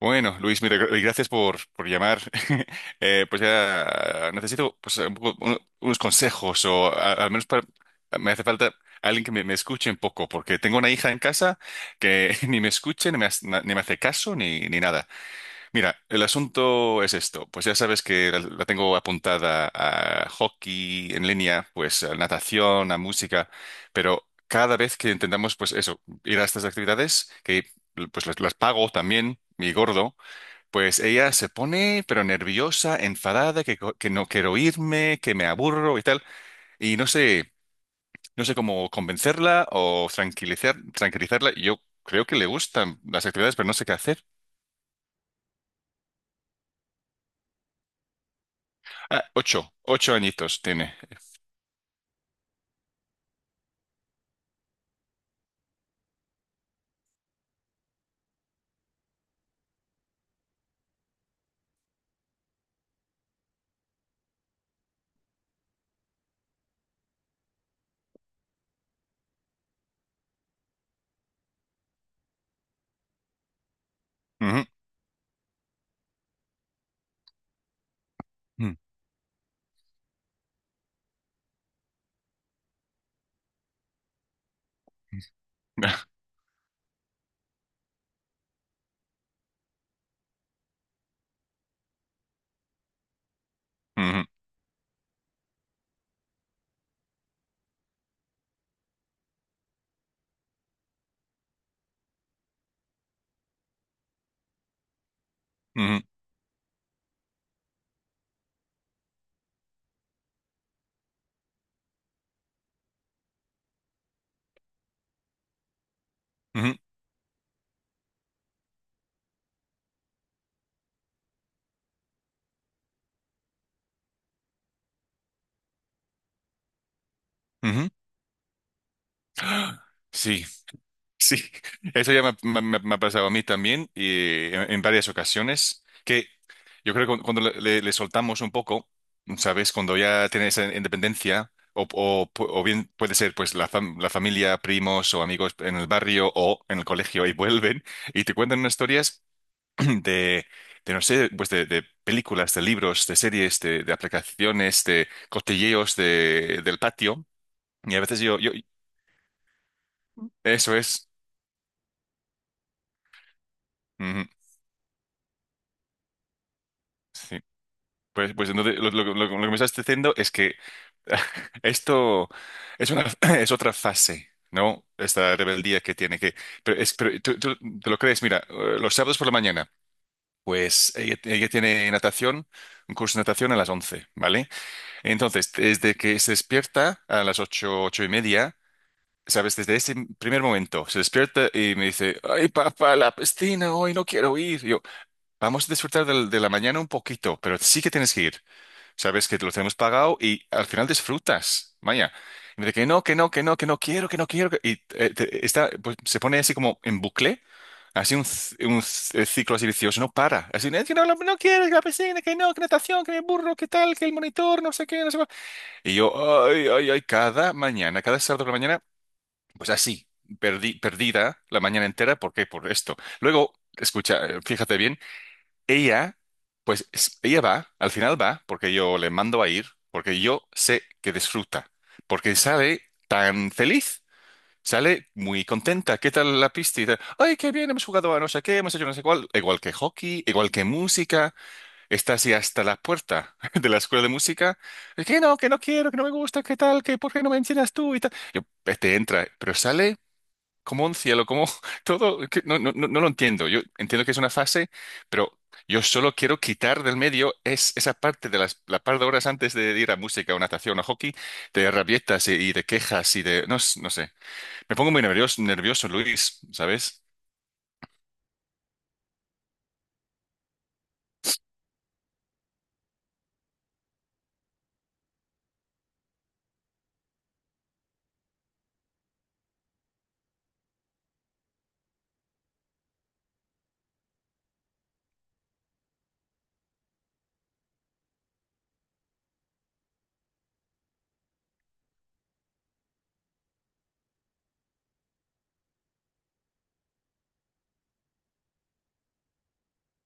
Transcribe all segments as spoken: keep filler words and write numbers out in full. Bueno, Luis, mira, gra- gracias por, por llamar. Eh, pues ya necesito pues, un poco- un- unos consejos o a- al menos para- me hace falta alguien que me, me escuche un poco, porque tengo una hija en casa que ni me escuche, ni me, hace ni me hace caso, ni, ni nada. Mira, el asunto es esto. Pues ya sabes que la, la tengo apuntada a hockey en línea, pues a natación, a música, pero cada vez que intentamos pues eso, ir a estas actividades, que pues las las pago también, mi gordo. Pues ella se pone, pero nerviosa, enfadada, que, co- que no quiero irme, que me aburro y tal. Y no sé, no sé cómo convencerla o tranquilizar, tranquilizarla. Yo creo que le gustan las actividades, pero no sé qué hacer. Ah, ocho, ocho añitos tiene. Ujú. Mm. Ujú, ujú, ujú, ujú. Sí, sí, eso ya me, me- me- me ha pasado a mí también y en, en varias ocasiones, que yo creo que cuando le, le- le soltamos un poco, ¿sabes? Cuando ya tienes esa independencia, o, o, pu- o bien puede ser pues la, fam- la familia, primos o amigos en el barrio o en el colegio y vuelven y te cuentan unas historias de, de no sé, pues de, de películas, de libros, de series, de, de aplicaciones, de cotilleos de, del patio. Y a veces yo, yo, eso es. Ujú, sí. Pues, pues entonces lo, lo- lo- lo que me estás diciendo es que esto es una es otra fase, ¿no? Esta rebeldía que tiene que. Pero es, pero tú, tú te lo crees, mira, eh, los sábados por la mañana, pues ella, ella tiene natación, un curso de natación a las once, ¿vale? Entonces, desde que se despierta a las ocho, ocho y media, ¿sabes? Desde ese primer momento se despierta y me dice, ay, papá, la piscina, hoy no quiero ir. Y yo, vamos a disfrutar del- de la mañana un poquito, pero sí que tienes que ir. Sabes que te lo tenemos pagado y al final disfrutas. Vaya. Y me dice que no, que no, que no, que no quiero, que no quiero. que- Y eh, te- está, pues, se pone así como en bucle, así un, c- un c- eh, ciclo así vicioso, no para. Así, es que no, no, no quiero, que la piscina, que no, que natación, que el burro, que tal, que el monitor, no sé qué, no sé cuál. Y yo, ay, ay, ay, cada mañana, cada sábado por la mañana, pues así, perdí, perdida la mañana entera, ¿por qué? Por esto. Luego, escucha, eh, fíjate bien. Ella, pues es- ella va, al final va, porque yo le mando a ir, porque yo sé que disfruta, porque sale tan feliz, sale muy contenta. ¿Qué tal la pista? Y tal, ay, qué bien, hemos jugado a no sé qué, hemos hecho no sé cuál, igual que hockey, igual que música. Está así hasta la puerta de la escuela de música. Que no, que no quiero, que no me gusta, qué tal, que por qué no me enseñas tú y tal. Yo, te entra, pero sale como un cielo, como todo, que no, no, no no lo entiendo. Yo entiendo que es una fase, pero yo solo quiero quitar del medio es, esa parte de las, la par de horas antes de ir a música o natación o hockey, de rabietas y, y de quejas y de, no, s- no sé. Me pongo muy nervioso, nervioso, Luis, ¿sabes?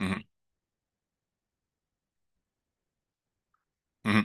Ujú, ujú,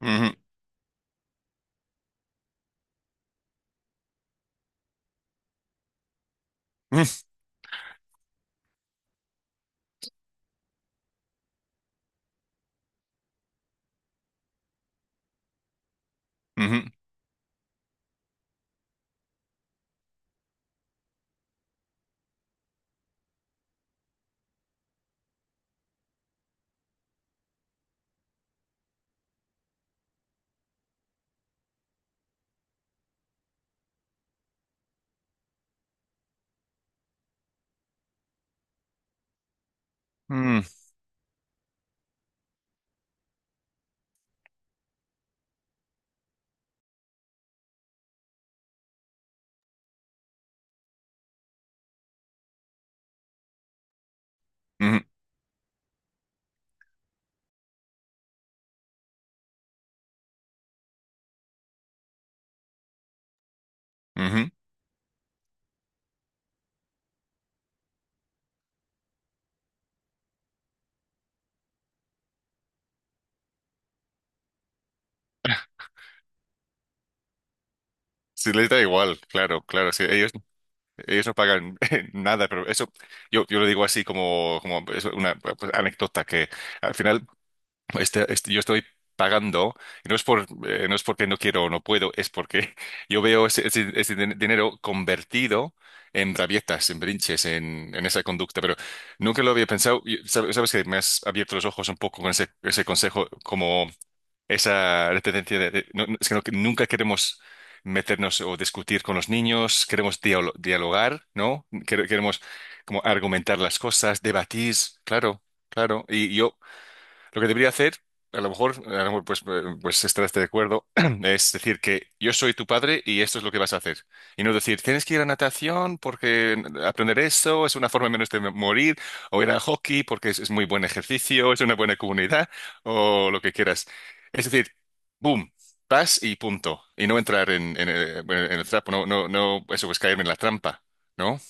ujú, ujú, ujú, ujú, ujú. Ujú. Sí, les da igual, claro, claro, sí, ellos, ellos no pagan nada, pero eso yo, yo lo digo así como, como es una pues, anécdota que, al final este- este- yo estoy pagando, y no es por, eh, no es porque no quiero o no puedo, es porque yo veo ese, ese- ese din- dinero convertido en rabietas, en brinches, en, en esa conducta, pero nunca lo había pensado. Y sab- sabes que me has abierto los ojos un poco con ese, ese consejo, como esa tendencia de, de- no- no- es que no- que nunca queremos meternos o discutir con los niños, queremos dialo- dialogar, ¿no? Quere- Queremos como argumentar las cosas, debatir, claro. Claro, y yo lo que debería hacer, a lo mejor, a lo mejor, pues, eh, pues estarás de acuerdo, es decir que yo soy tu padre y esto es lo que vas a hacer. Y no decir, tienes que ir a natación porque aprender eso es una forma menos de morir, o ir a hockey porque es, es muy buen ejercicio, es una buena comunidad, o lo que quieras. Es decir, boom, vas y punto. Y no entrar en, en, eh, en el trapo, no, no, no, eso pues caerme en la trampa, ¿no?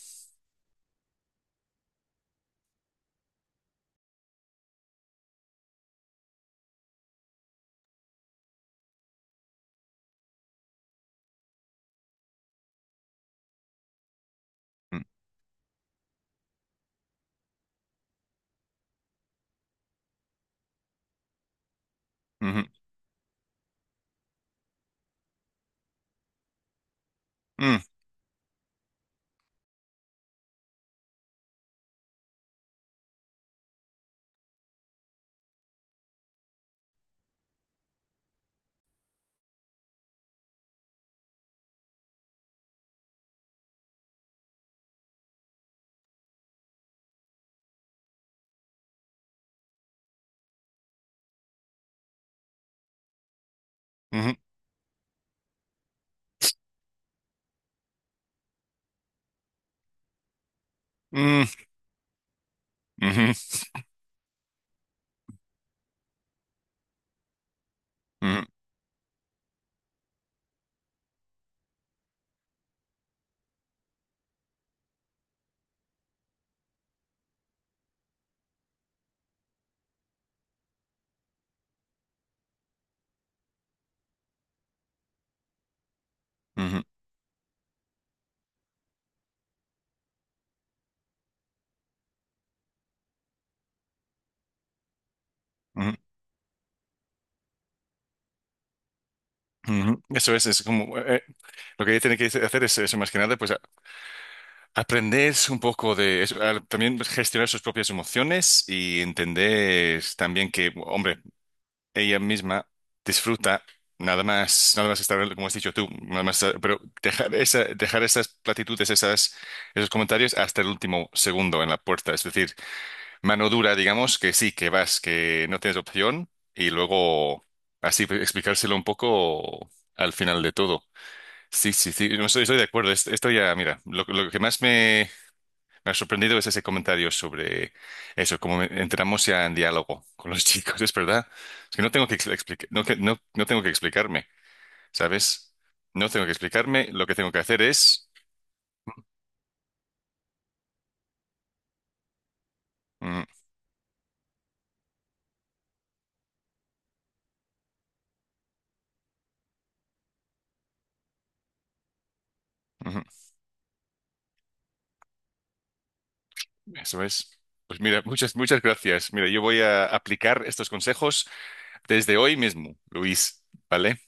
Mm, ujú, mm, ujú, mm, ujú, ujú, ujú, ujú, ujú. Ujú. Eso es, es como eh, eh, lo que ella tiene que hacer es eso, más que nada, pues a- aprender un poco de eso, a- también gestionar sus propias emociones y entender también que, hombre, ella misma disfruta nada más, nada más estar, como has dicho tú, nada más, estar- pero dejar esa, dejar esas platitudes, esas, esos comentarios hasta el último segundo en la puerta, es decir, mano dura, digamos, que sí, que vas, que no tienes opción y luego así pues, explicárselo un poco al final de todo. Sí, sí, sí, no, estoy, estoy de acuerdo. Es- Esto ya, mira, lo, lo que más me, me ha sorprendido es ese comentario sobre eso. Como me- entramos ya en diálogo con los chicos, es verdad. Es que no tengo que explicar, no, que- no, no tengo que explicarme, ¿sabes? No tengo que explicarme, lo que tengo que hacer es... Mm, ujú, eso es. Pues mira, muchas, muchas gracias. Mira, yo voy a aplicar estos consejos desde hoy mismo, Luis, ¿vale?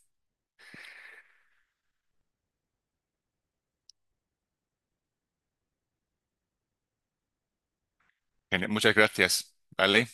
Genial, muchas gracias, ¿vale?